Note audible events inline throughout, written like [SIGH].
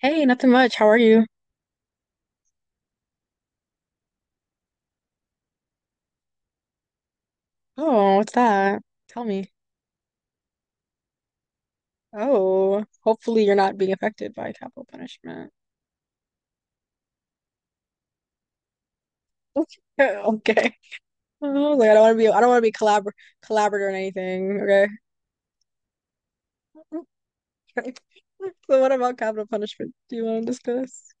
Hey, nothing much. How are you? Oh, what's that? Tell me. Oh, hopefully you're not being affected by capital punishment. [LAUGHS] Okay. I was like, I don't want to be collaborator in anything. Okay. [LAUGHS] Okay. So what about capital punishment? Do you want to discuss?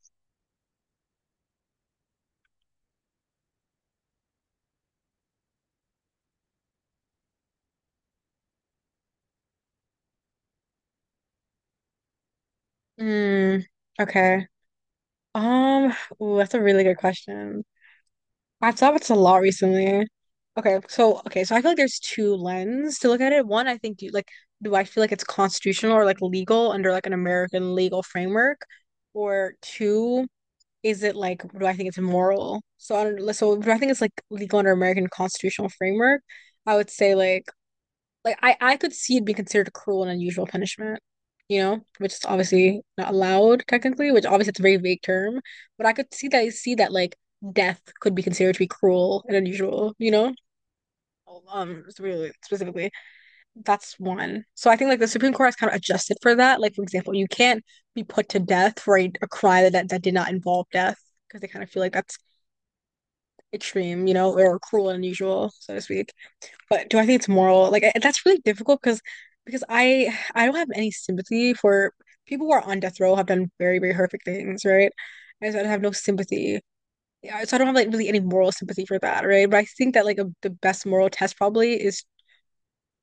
Hmm. Okay. Um. Ooh, that's a really good question. I've thought about this a lot recently. Okay, so I feel like there's two lens to look at it. One, I think do like do I feel like it's constitutional or like legal under like an American legal framework? Or two, is it like do I think it's moral? So I don't so do I think it's like legal under American constitutional framework? I would say like I could see it being considered a cruel and unusual punishment, you know, which is obviously not allowed technically, which obviously it's a very vague term, but I see that like death could be considered to be cruel and unusual, you know? Really specifically, that's one. So I think like the Supreme Court has kind of adjusted for that. Like for example, you can't be put to death for a crime that did not involve death because they kind of feel like that's extreme, you know, or cruel and unusual, so to speak. But do I think it's moral? Like I, that's really difficult because I don't have any sympathy for people who are on death row, have done very very horrific things, right? And so I have no sympathy. Yeah, so I don't have like really any moral sympathy for that, right? But I think that the best moral test probably is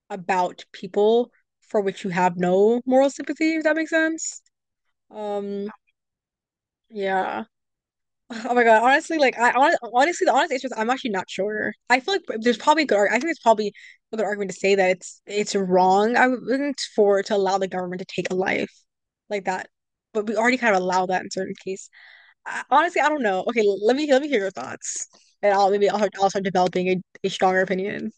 about people for which you have no moral sympathy, if that makes sense. Um, yeah. Oh my God. Honestly, like I hon honestly the honest answer is I'm actually not sure. I think there's probably a good argument to say that it's wrong, I wouldn't for to allow the government to take a life like that. But we already kind of allow that in certain cases. I, honestly, I don't know. Okay, let me hear your thoughts. And I'll start developing a stronger opinion.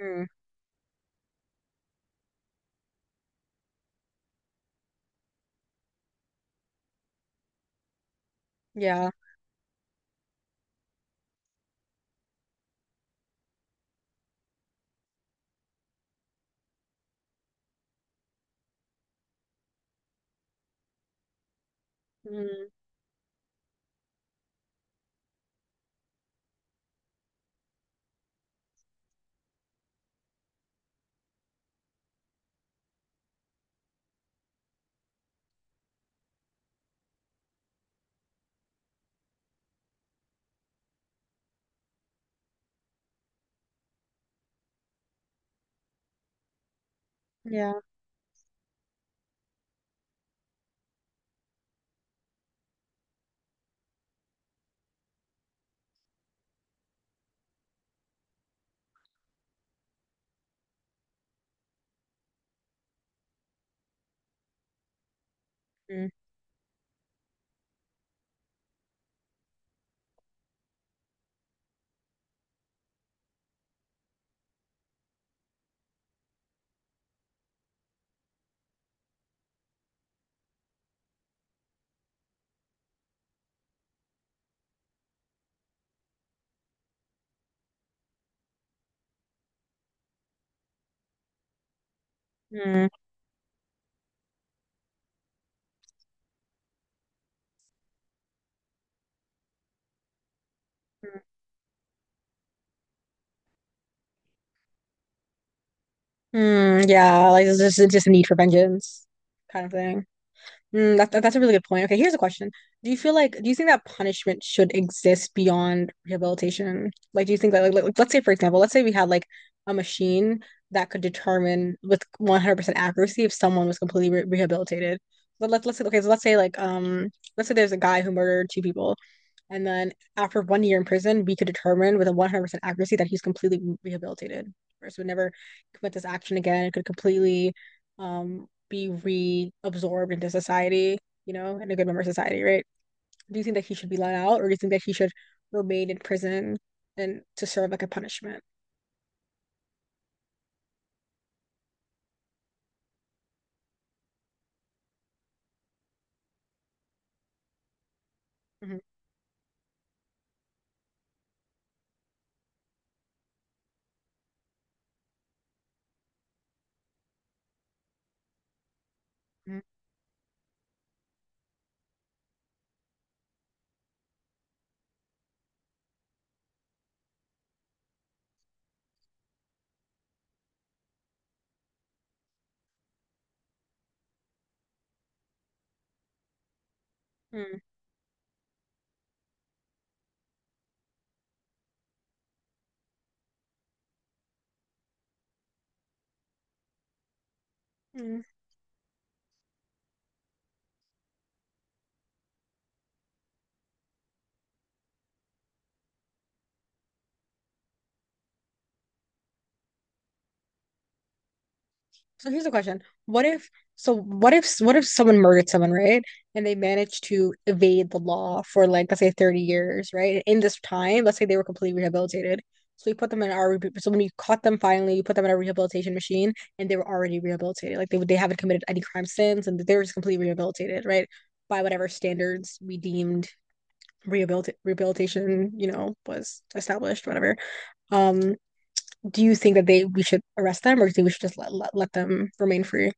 Mm, yeah. Mm, yeah. Mm, mm, mm, mm, yeah. Like there's just a need for vengeance kind of thing. Mm, that's a really good point. Okay, here's a question. Do you think that punishment should exist beyond rehabilitation? Like, do you think that, let's say, for example, let's say we had like a machine that could determine with 100% accuracy if someone was completely re rehabilitated. But let's say, okay, so let's say let's say there's a guy who murdered two people, and then after 1 year in prison, we could determine with a 100% accuracy that he's completely rehabilitated. First, would never commit this action again. It could completely be reabsorbed into society, you know, and a good member of society, right? Do you think that he should be let out or do you think that he should remain in prison and to serve like a punishment? Mm-hmm. Mm-hmm. Mm-hmm. So here's the question. What if so what if someone murdered someone, right? And they managed to evade the law for like let's say 30 years, right? In this time, let's say they were completely rehabilitated. So when you caught them finally, you put them in a rehabilitation machine and they were already rehabilitated. Like they haven't committed any crime since, and they were just completely rehabilitated, right? By whatever standards we deemed rehabilitation, you know, was established, whatever. Um, do you think that they we should arrest them or do you think we should just let them remain free?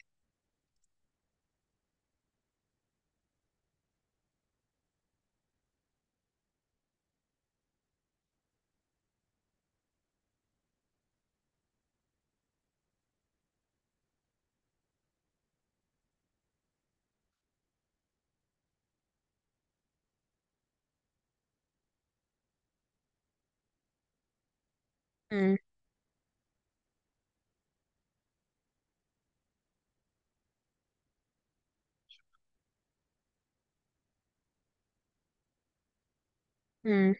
Mm, mm.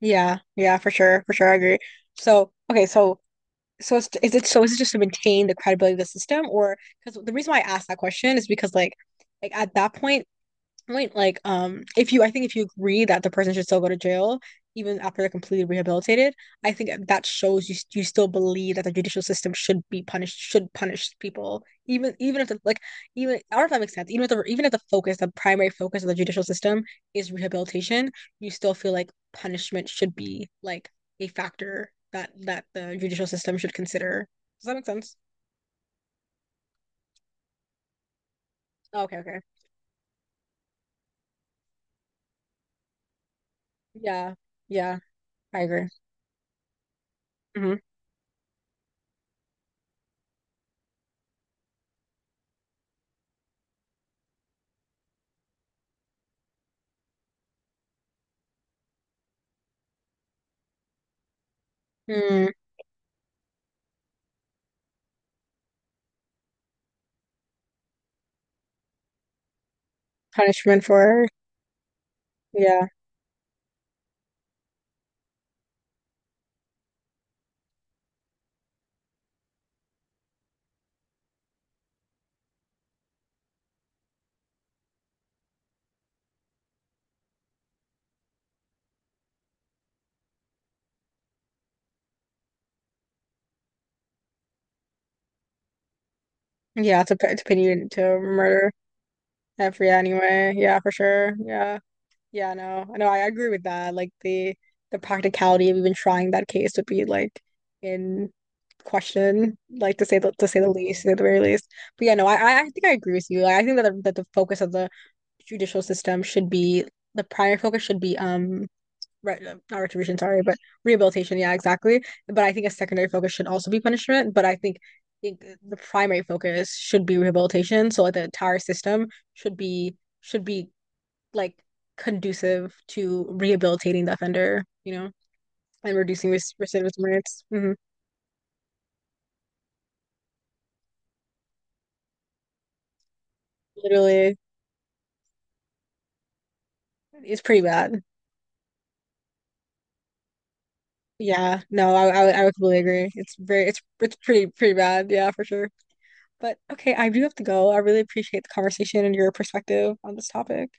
Yeah, yeah, for sure, I agree. So, okay, is it, so is it just to maintain the credibility of the system, or because the reason why I asked that question is because at that point, like if you, I think if you agree that the person should still go to jail even after they're completely rehabilitated, I think that shows you you still believe that the judicial system should be punished, should punish people, even even if the like even I don't know if that makes sense. Even if the focus, the primary focus of the judicial system is rehabilitation, you still feel like punishment should be like a factor that the judicial system should consider. Does that make sense? Oh, okay, okay. Yeah, yeah, I agree. Mm-hmm. Mm, punishment for yeah. Yeah, to put to pin you into murder every anyway. Yeah, for sure. Yeah. Yeah, no. No, I agree with that. Like the practicality of even trying that case would be like in question, like to say the least, at the very least. But yeah, no, I think I agree with you. Like, I think that the focus of the judicial system should be, the primary focus should be, re- not retribution, sorry, but rehabilitation. Yeah, exactly. But I think a secondary focus should also be punishment. Think the primary focus should be rehabilitation. So like the entire system should be should be like conducive to rehabilitating the offender, you know, and reducing recidivism rates. Hmm. Literally, it's pretty bad. Yeah, no, I, I would completely agree. It's very it's pretty pretty bad. Yeah, for sure. But okay, I do have to go. I really appreciate the conversation and your perspective on this topic.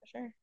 For sure.